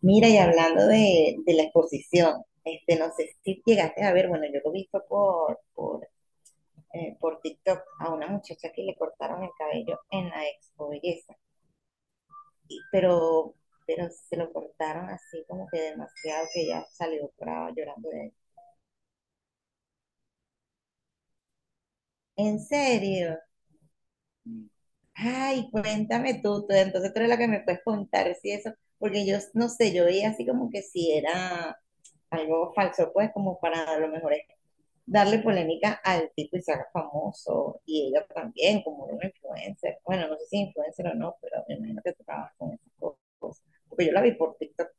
Mira, y hablando de la exposición, este, no sé si llegaste a ver, bueno, yo lo he visto por TikTok a una muchacha que le cortaron el cabello en la Expo Belleza, y- pero, pero se lo cortaron así como que demasiado, que ella salió brava llorando de. ¿En serio? Ay, cuéntame tú, entonces tú eres la que me puedes contar si eso, porque yo no sé, yo veía así como que si era algo falso, pues como para a lo mejor darle polémica al tipo y se haga famoso, y ella también, como una influencer. Bueno, no sé si influencer o no, pero me imagino que tú trabajas con esas cosas. Porque yo la vi por TikTok.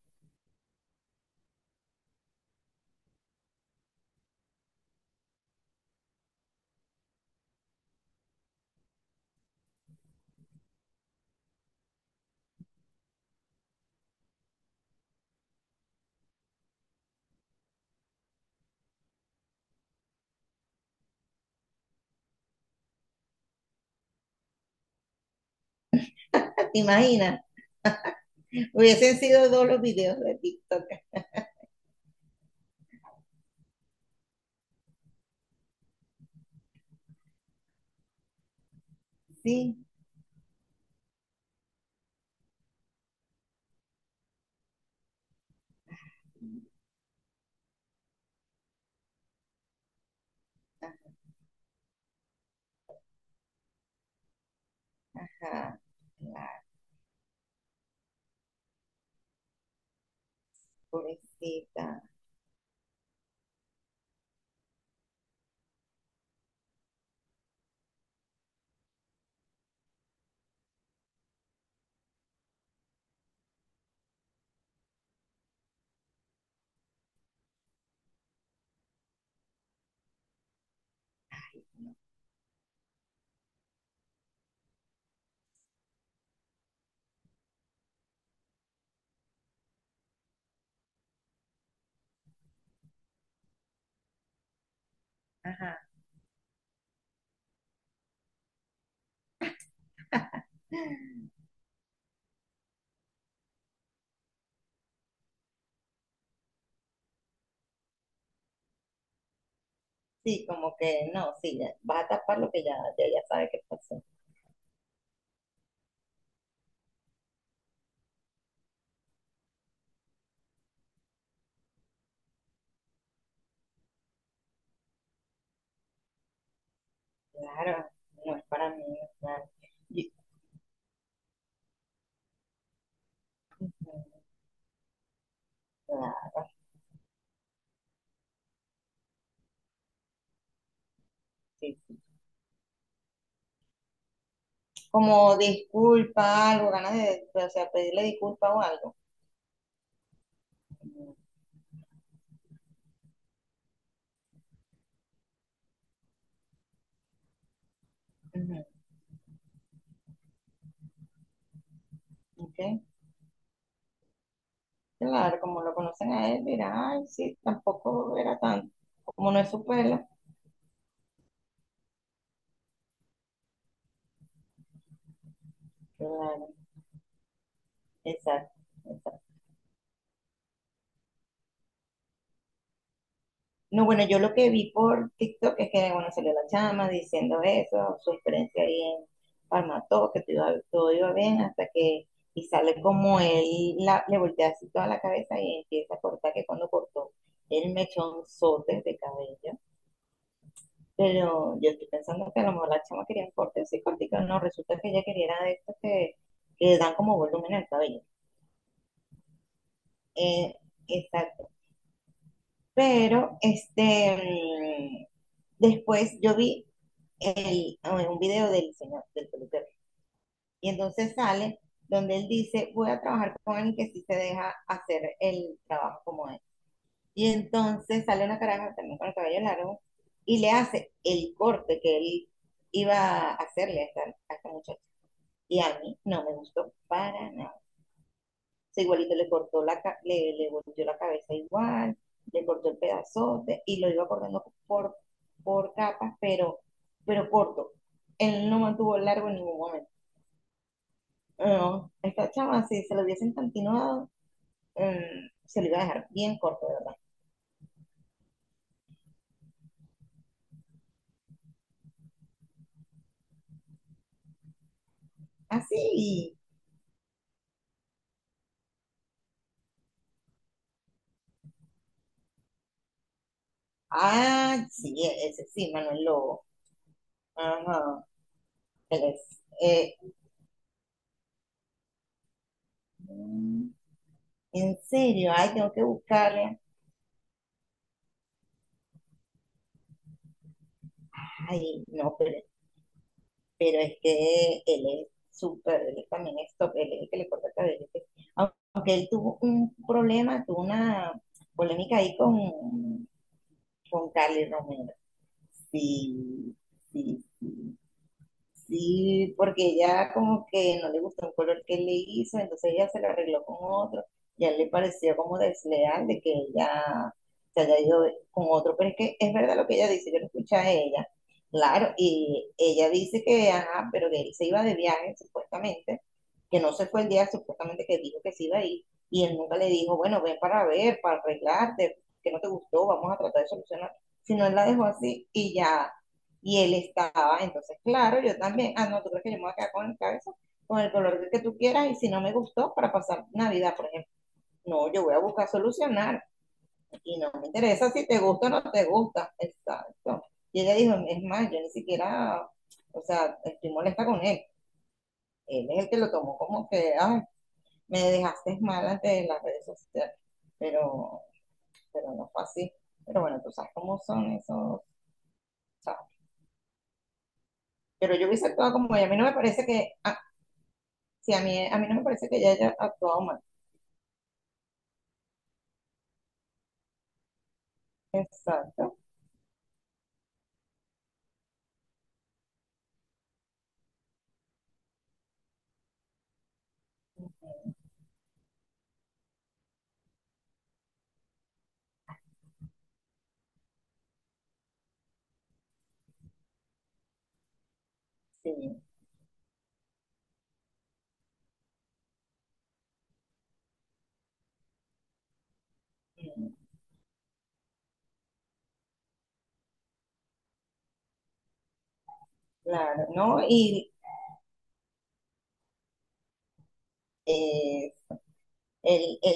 Ah, ¿te imaginas? Hubiesen sido dos los videos de TikTok así. Ajá. La pobrecita. Ajá. Sí, como que no, sí, ya, vas a tapar lo que ya, ya, ya sabe que pasó. Claro, no es para mí, claro. Y- claro, sí, sí. Como disculpa, algo, ganas de, o sea, pedirle disculpa o algo. Ujú, ok. Claro, como lo conocen a él, dirá, ay, sí, tampoco era tanto. Como no es su pelo. Claro, exacto, exacto. No, bueno, yo lo que vi por TikTok es que, bueno, salió la chama diciendo eso, su experiencia ahí en Palmató, que todo iba bien, hasta que, y sale como él le voltea así toda la cabeza y empieza a cortar, que cuando cortó el mechonzote de cabello. Pero yo estoy pensando que a lo mejor la chama quería corte así cortico, no, resulta que ella quería era de estos que le dan como volumen al cabello. Eh, exacto. Pero, este, después yo vi un video del señor, del peluquero, y entonces sale donde él dice, voy a trabajar con alguien que sí se deja hacer el trabajo como es. Y entonces sale una caraja también con el cabello largo y le hace el corte que él iba a hacerle a esta muchacha. Y a mí no me gustó para nada. O sea, igualito le cortó le volteó la cabeza igual, le cortó el pedazote y lo iba cortando por capas, pero corto. Él no mantuvo largo en ningún momento. No, esta chama, si se lo hubiesen continuado, se lo iba a dejar bien corto, ¿de verdad? Así. Ah, sí, ese sí, Manuel Lobo. Ajá. Él es, mm, en serio, ay, tengo que buscarle. Ay, no, pero es que él es súper, él también es top, él es el que le corta el cabello. Aunque él tuvo un problema, tuvo una polémica ahí con Carly Romero. Sí, sí, sí. Sí, porque ella como que no le gustó un color que él le hizo, entonces ella se lo arregló con otro, y a él le pareció como desleal de que ella se haya ido con otro, pero es que es verdad lo que ella dice, yo lo escuché a ella, claro, y ella dice que, ajá, pero que él se iba de viaje supuestamente, que no se fue el día supuestamente que dijo que se iba a ir, y él nunca le dijo, bueno, ven para ver, para arreglarte, que no te gustó, vamos a tratar de solucionar, sino él la dejó así y ya, y él estaba, entonces, claro, yo también, ah, no, tú crees que yo me voy a quedar con el color que tú quieras, y si no me gustó, para pasar Navidad, por ejemplo, no, yo voy a buscar solucionar, y no me interesa si te gusta o no te gusta, exacto. Y ella dijo, es más, yo ni siquiera, o sea, estoy molesta con él, él es el que lo tomó como que, ay, me dejaste mal ante las redes sociales, pero, pero no fue así. Pero bueno, tú sabes cómo son esos, ¿sabes? Pero yo hubiese actuado como ella. A mí no me parece que, ah, sí, a mí no me parece que ella haya actuado mal. Exacto, sí, mm, claro, ¿no? Y eh, él, él,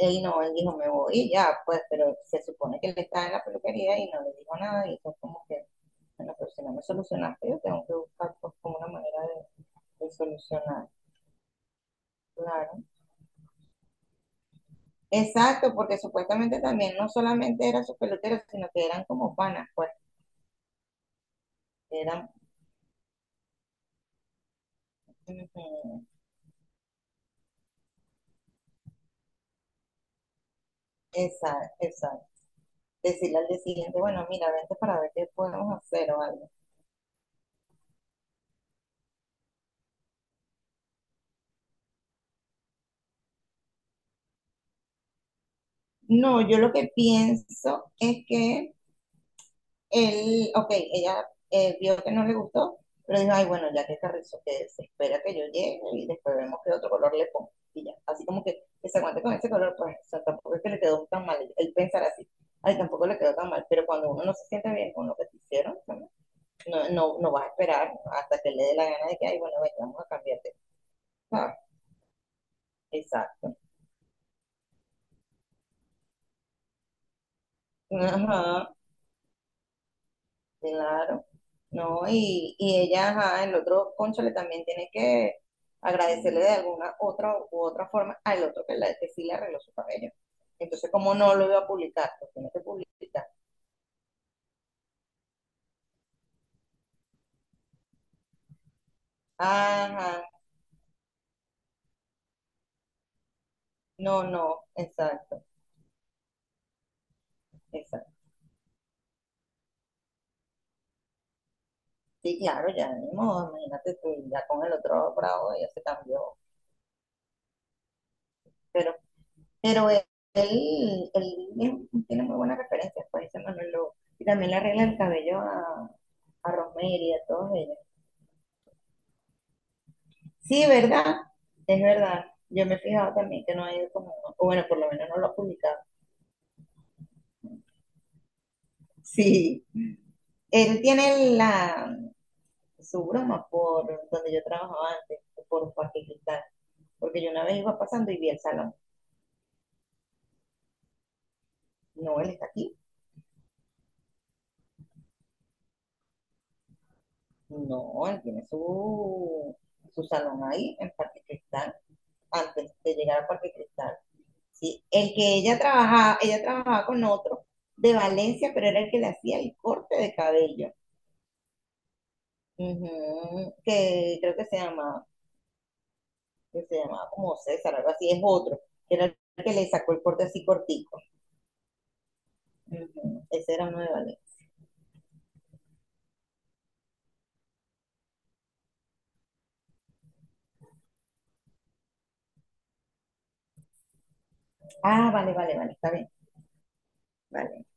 él no, él dijo, me voy y ya, pues, pero se supone que él estaba en la peluquería y no le dijo nada y fue como que, bueno, pero si no me solucionaste, yo tengo que buscar pues, como una manera de, solucionar. Claro. Exacto, porque supuestamente también no solamente eran sus peloteros, sino que eran como panas, pues eran. Ujú. Exacto, exacto. Decirle al día siguiente, bueno, mira, vente para ver qué podemos hacer o algo. No, yo lo que pienso es que él, ok, ella, vio que no le gustó, pero dijo, ay, bueno, ya que Carrizo, que se espera que yo llegue y después vemos qué otro color le pongo. Y ya, así como que se aguante con ese color, pues o sea, tampoco es que le quedó tan mal, él pensar así, ay, tampoco le quedó tan mal, pero cuando uno no se siente bien con lo que te hicieron, ¿no? No, no, no vas a esperar hasta que le dé la gana de que, ay, bueno, ven, vamos a cambiarte. ¿Sabes? Exacto. Ajá. Claro, ¿no? Y ella, ajá, el otro cónchale también tiene que agradecerle de alguna otra u otra forma al otro que, la, que sí le arregló su cabello. Entonces, ¿como no lo iba a publicar? Lo tiene que publicar. Ajá, no, no, exacto, exacto. Sí, claro, ya, ni modo, imagínate tú, ya con el otro bravo ya se cambió. Pero, pero él tiene muy buenas referencias, pues dice Manuel Lobo. Y también le arregla el cabello a Rosemary, a todos ellos. Sí, ¿verdad? Es verdad. Yo me he fijado también que no ha ido como, o bueno, por lo menos no lo ha publicado. Sí. Él tiene su broma por donde yo trabajaba antes, por Parque Cristal. Porque yo una vez iba pasando y vi el salón. No, él está aquí. No, él tiene su salón ahí, en Parque Cristal, antes de llegar a Parque Cristal. Sí. El que ella trabajaba con otro de Valencia, pero era el que le hacía el corte de cabello. Ujú, que creo que se llamaba como César, algo así, es otro, que era el que le sacó el corte así cortico. Ujú, ese era uno de Valencia. Ah, vale, vale, vale, está bien, vale.